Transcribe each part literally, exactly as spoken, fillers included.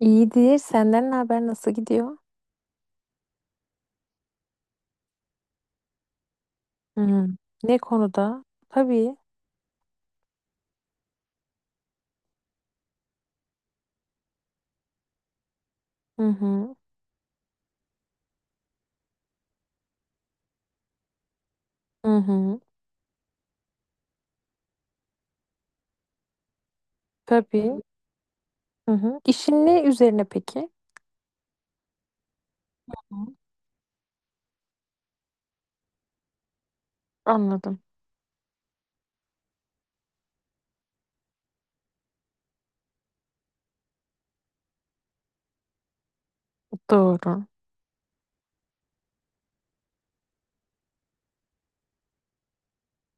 İyidir. Senden ne haber? Nasıl gidiyor? Hı. Ne konuda? Tabii. Hı hı. Hı hı. Tabii. Hı hı. İşin ne üzerine peki? Hı. Anladım. Doğru.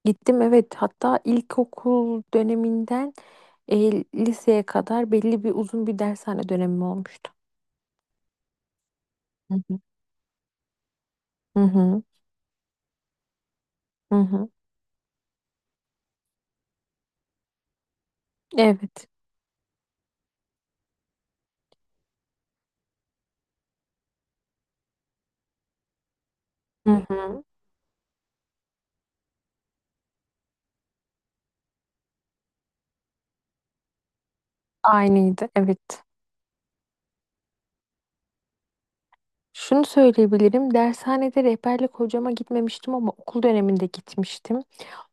Gittim, evet. Hatta ilkokul döneminden e, liseye kadar belli bir uzun bir dershane dönemi olmuştu. Hı hı. Hı hı. Hı hı. Evet. Hı hı. Aynıydı, evet. Şunu söyleyebilirim. Dershanede rehberlik hocama gitmemiştim ama okul döneminde gitmiştim.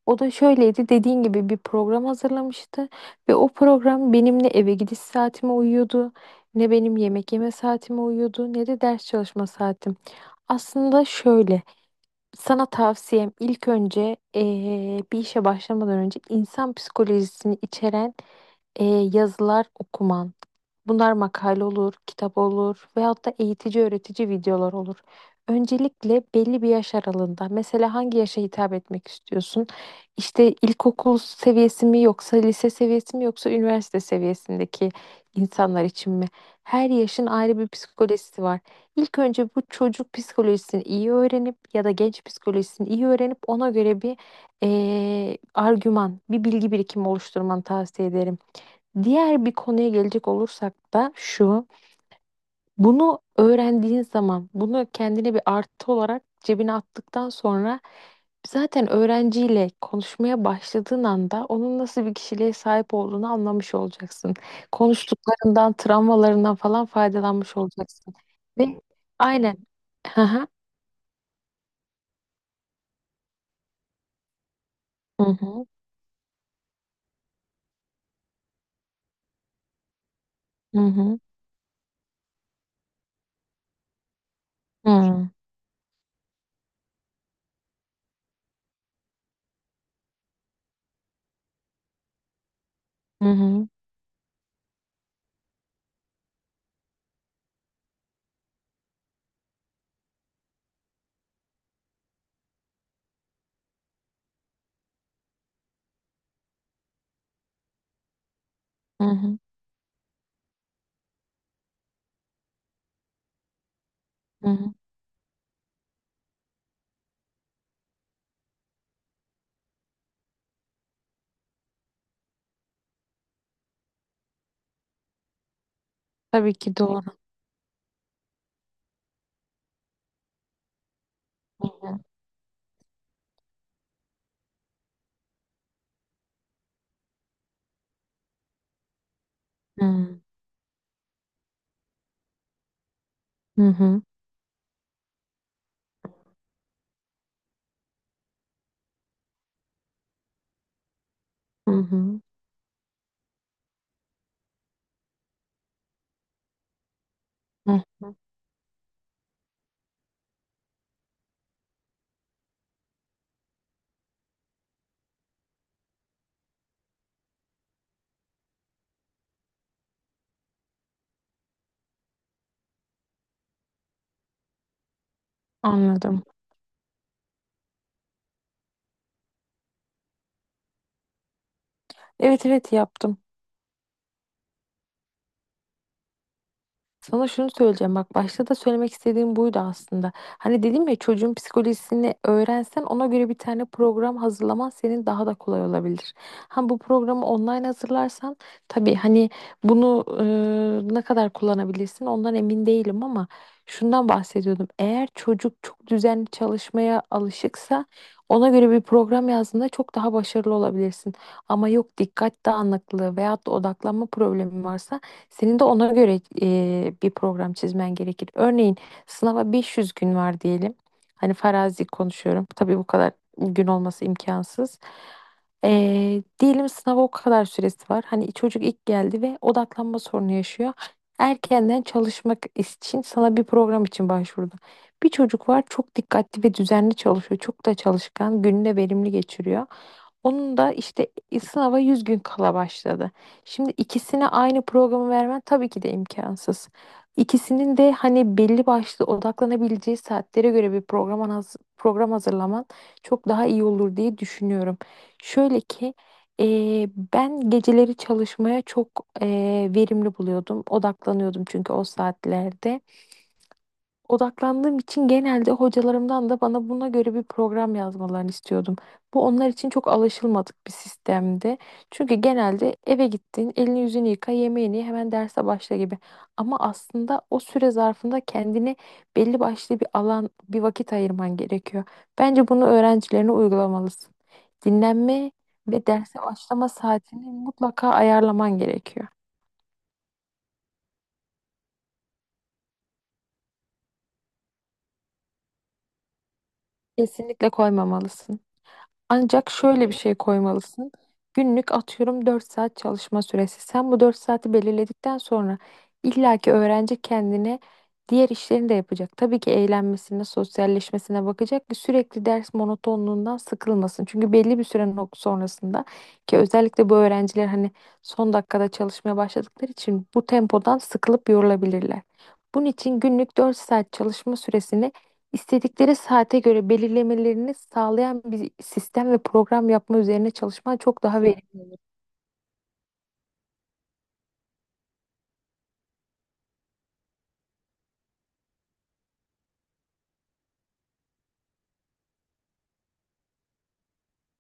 O da şöyleydi, dediğin gibi bir program hazırlamıştı ve o program benim ne eve gidiş saatime uyuyordu, ne benim yemek yeme saatime uyuyordu, ne de ders çalışma saatim. Aslında şöyle. Sana tavsiyem, ilk önce eee, bir işe başlamadan önce insan psikolojisini içeren eee, yazılar okuman. Bunlar makale olur, kitap olur veyahut da eğitici öğretici videolar olur. Öncelikle belli bir yaş aralığında, mesela hangi yaşa hitap etmek istiyorsun? İşte ilkokul seviyesi mi yoksa lise seviyesi mi yoksa üniversite seviyesindeki insanlar için mi? Her yaşın ayrı bir psikolojisi var. İlk önce bu çocuk psikolojisini iyi öğrenip ya da genç psikolojisini iyi öğrenip ona göre bir eee, argüman, bir bilgi birikimi oluşturmanı tavsiye ederim. Diğer bir konuya gelecek olursak da şu. Bunu öğrendiğin zaman, bunu kendine bir artı olarak cebine attıktan sonra zaten öğrenciyle konuşmaya başladığın anda onun nasıl bir kişiliğe sahip olduğunu anlamış olacaksın. Konuştuklarından, travmalarından falan faydalanmış olacaksın. Ve aynen. Hı hı. Hı hı. Hı hı. Hı hı. Hı hı. Hı hı. Hı hı. Tabii ki doğru. Hı hı. Hı hı. Hı hı. Hı hı. Anladım. Evet, evet yaptım. Sana şunu söyleyeceğim, bak başta da söylemek istediğim buydu aslında. Hani dedim ya, çocuğun psikolojisini öğrensen ona göre bir tane program hazırlaman senin daha da kolay olabilir. Ha, bu programı online hazırlarsan tabii hani bunu e, ne kadar kullanabilirsin ondan emin değilim ama şundan bahsediyordum. Eğer çocuk çok düzenli çalışmaya alışıksa ona göre bir program yazdığında çok daha başarılı olabilirsin. Ama yok, dikkat dağınıklığı veyahut da odaklanma problemi varsa senin de ona göre e, bir program çizmen gerekir. Örneğin sınava beş yüz gün var diyelim. Hani farazi konuşuyorum. Tabii bu kadar gün olması imkansız. E, diyelim sınava o kadar süresi var. Hani çocuk ilk geldi ve odaklanma sorunu yaşıyor. Erkenden çalışmak için sana bir program için başvurdu. Bir çocuk var, çok dikkatli ve düzenli çalışıyor. Çok da çalışkan, gününü de verimli geçiriyor. Onun da işte e, sınava yüz gün kala başladı. Şimdi ikisine aynı programı vermen tabii ki de imkansız. İkisinin de hani belli başlı odaklanabileceği saatlere göre bir program, haz- program hazırlaman çok daha iyi olur diye düşünüyorum. Şöyle ki eee, ben geceleri çalışmaya çok eee, verimli buluyordum. Odaklanıyordum çünkü o saatlerde. Odaklandığım için genelde hocalarımdan da bana buna göre bir program yazmalarını istiyordum. Bu onlar için çok alışılmadık bir sistemdi. Çünkü genelde eve gittin, elini yüzünü yıka, yemeğini ye, hemen derse başla gibi. Ama aslında o süre zarfında kendine belli başlı bir alan, bir vakit ayırman gerekiyor. Bence bunu öğrencilerine uygulamalısın. Dinlenme ve derse başlama saatini mutlaka ayarlaman gerekiyor. Kesinlikle koymamalısın. Ancak şöyle bir şey koymalısın. Günlük atıyorum dört saat çalışma süresi. Sen bu dört saati belirledikten sonra illaki öğrenci kendine diğer işlerini de yapacak. Tabii ki eğlenmesine, sosyalleşmesine bakacak ki sürekli ders monotonluğundan sıkılmasın. Çünkü belli bir süre nok- sonrasında, ki özellikle bu öğrenciler hani son dakikada çalışmaya başladıkları için bu tempodan sıkılıp yorulabilirler. Bunun için günlük dört saat çalışma süresini İstedikleri saate göre belirlemelerini sağlayan bir sistem ve program yapma üzerine çalışman çok daha verimli.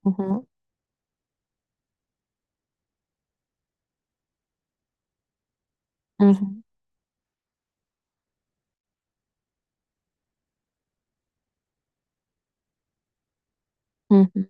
Hı hı, hı hı, hı hı.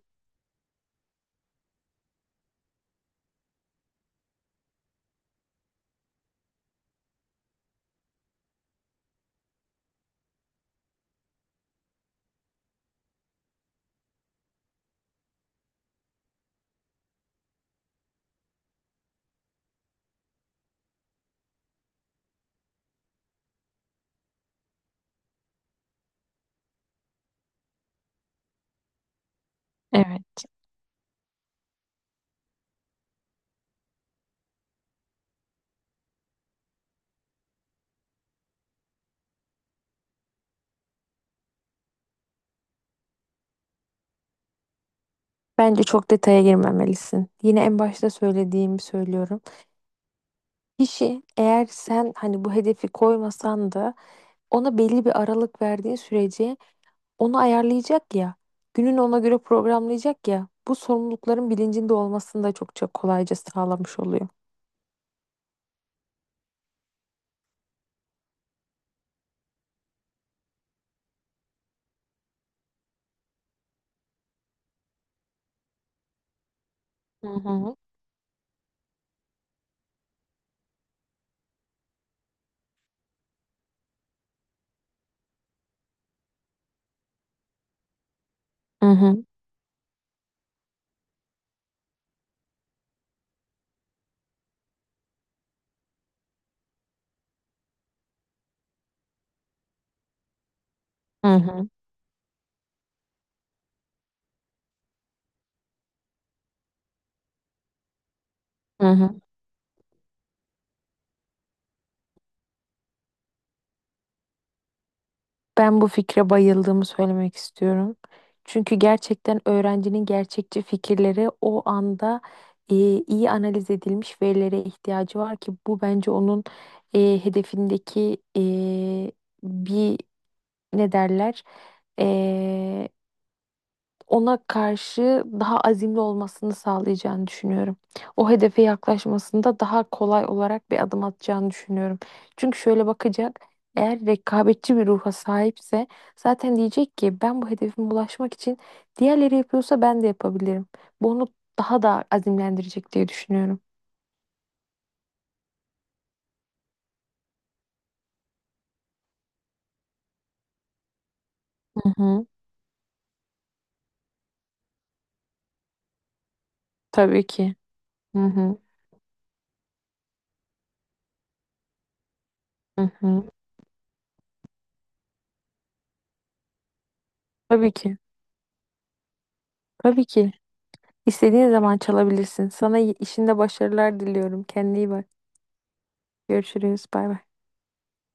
Evet. Bence çok detaya girmemelisin. Yine en başta söylediğimi söylüyorum. Kişi, eğer sen hani bu hedefi koymasan da ona belli bir aralık verdiğin sürece onu ayarlayacak ya. Gününü ona göre programlayacak ya. Bu, sorumlulukların bilincinde olmasını da çokça kolayca sağlamış oluyor. Hı hı, hı hı, hı hı, hı hı. Ben bu fikre bayıldığımı söylemek istiyorum. Çünkü gerçekten öğrencinin gerçekçi fikirleri, o anda e, iyi analiz edilmiş verilere ihtiyacı var ki bu bence onun e, hedefindeki e, bir ne derler, ona karşı daha azimli olmasını sağlayacağını düşünüyorum. O hedefe yaklaşmasında daha kolay olarak bir adım atacağını düşünüyorum. Çünkü şöyle bakacak, eğer rekabetçi bir ruha sahipse zaten diyecek ki ben bu hedefime ulaşmak için diğerleri yapıyorsa ben de yapabilirim. Bu onu daha da azimlendirecek diye düşünüyorum. Hı hı, tabii ki. Hı hı, hı hı. Tabii ki. Tabii ki. İstediğin zaman çalabilirsin. Sana y- işinde başarılar diliyorum. Kendine iyi bak. Görüşürüz. Bay bay.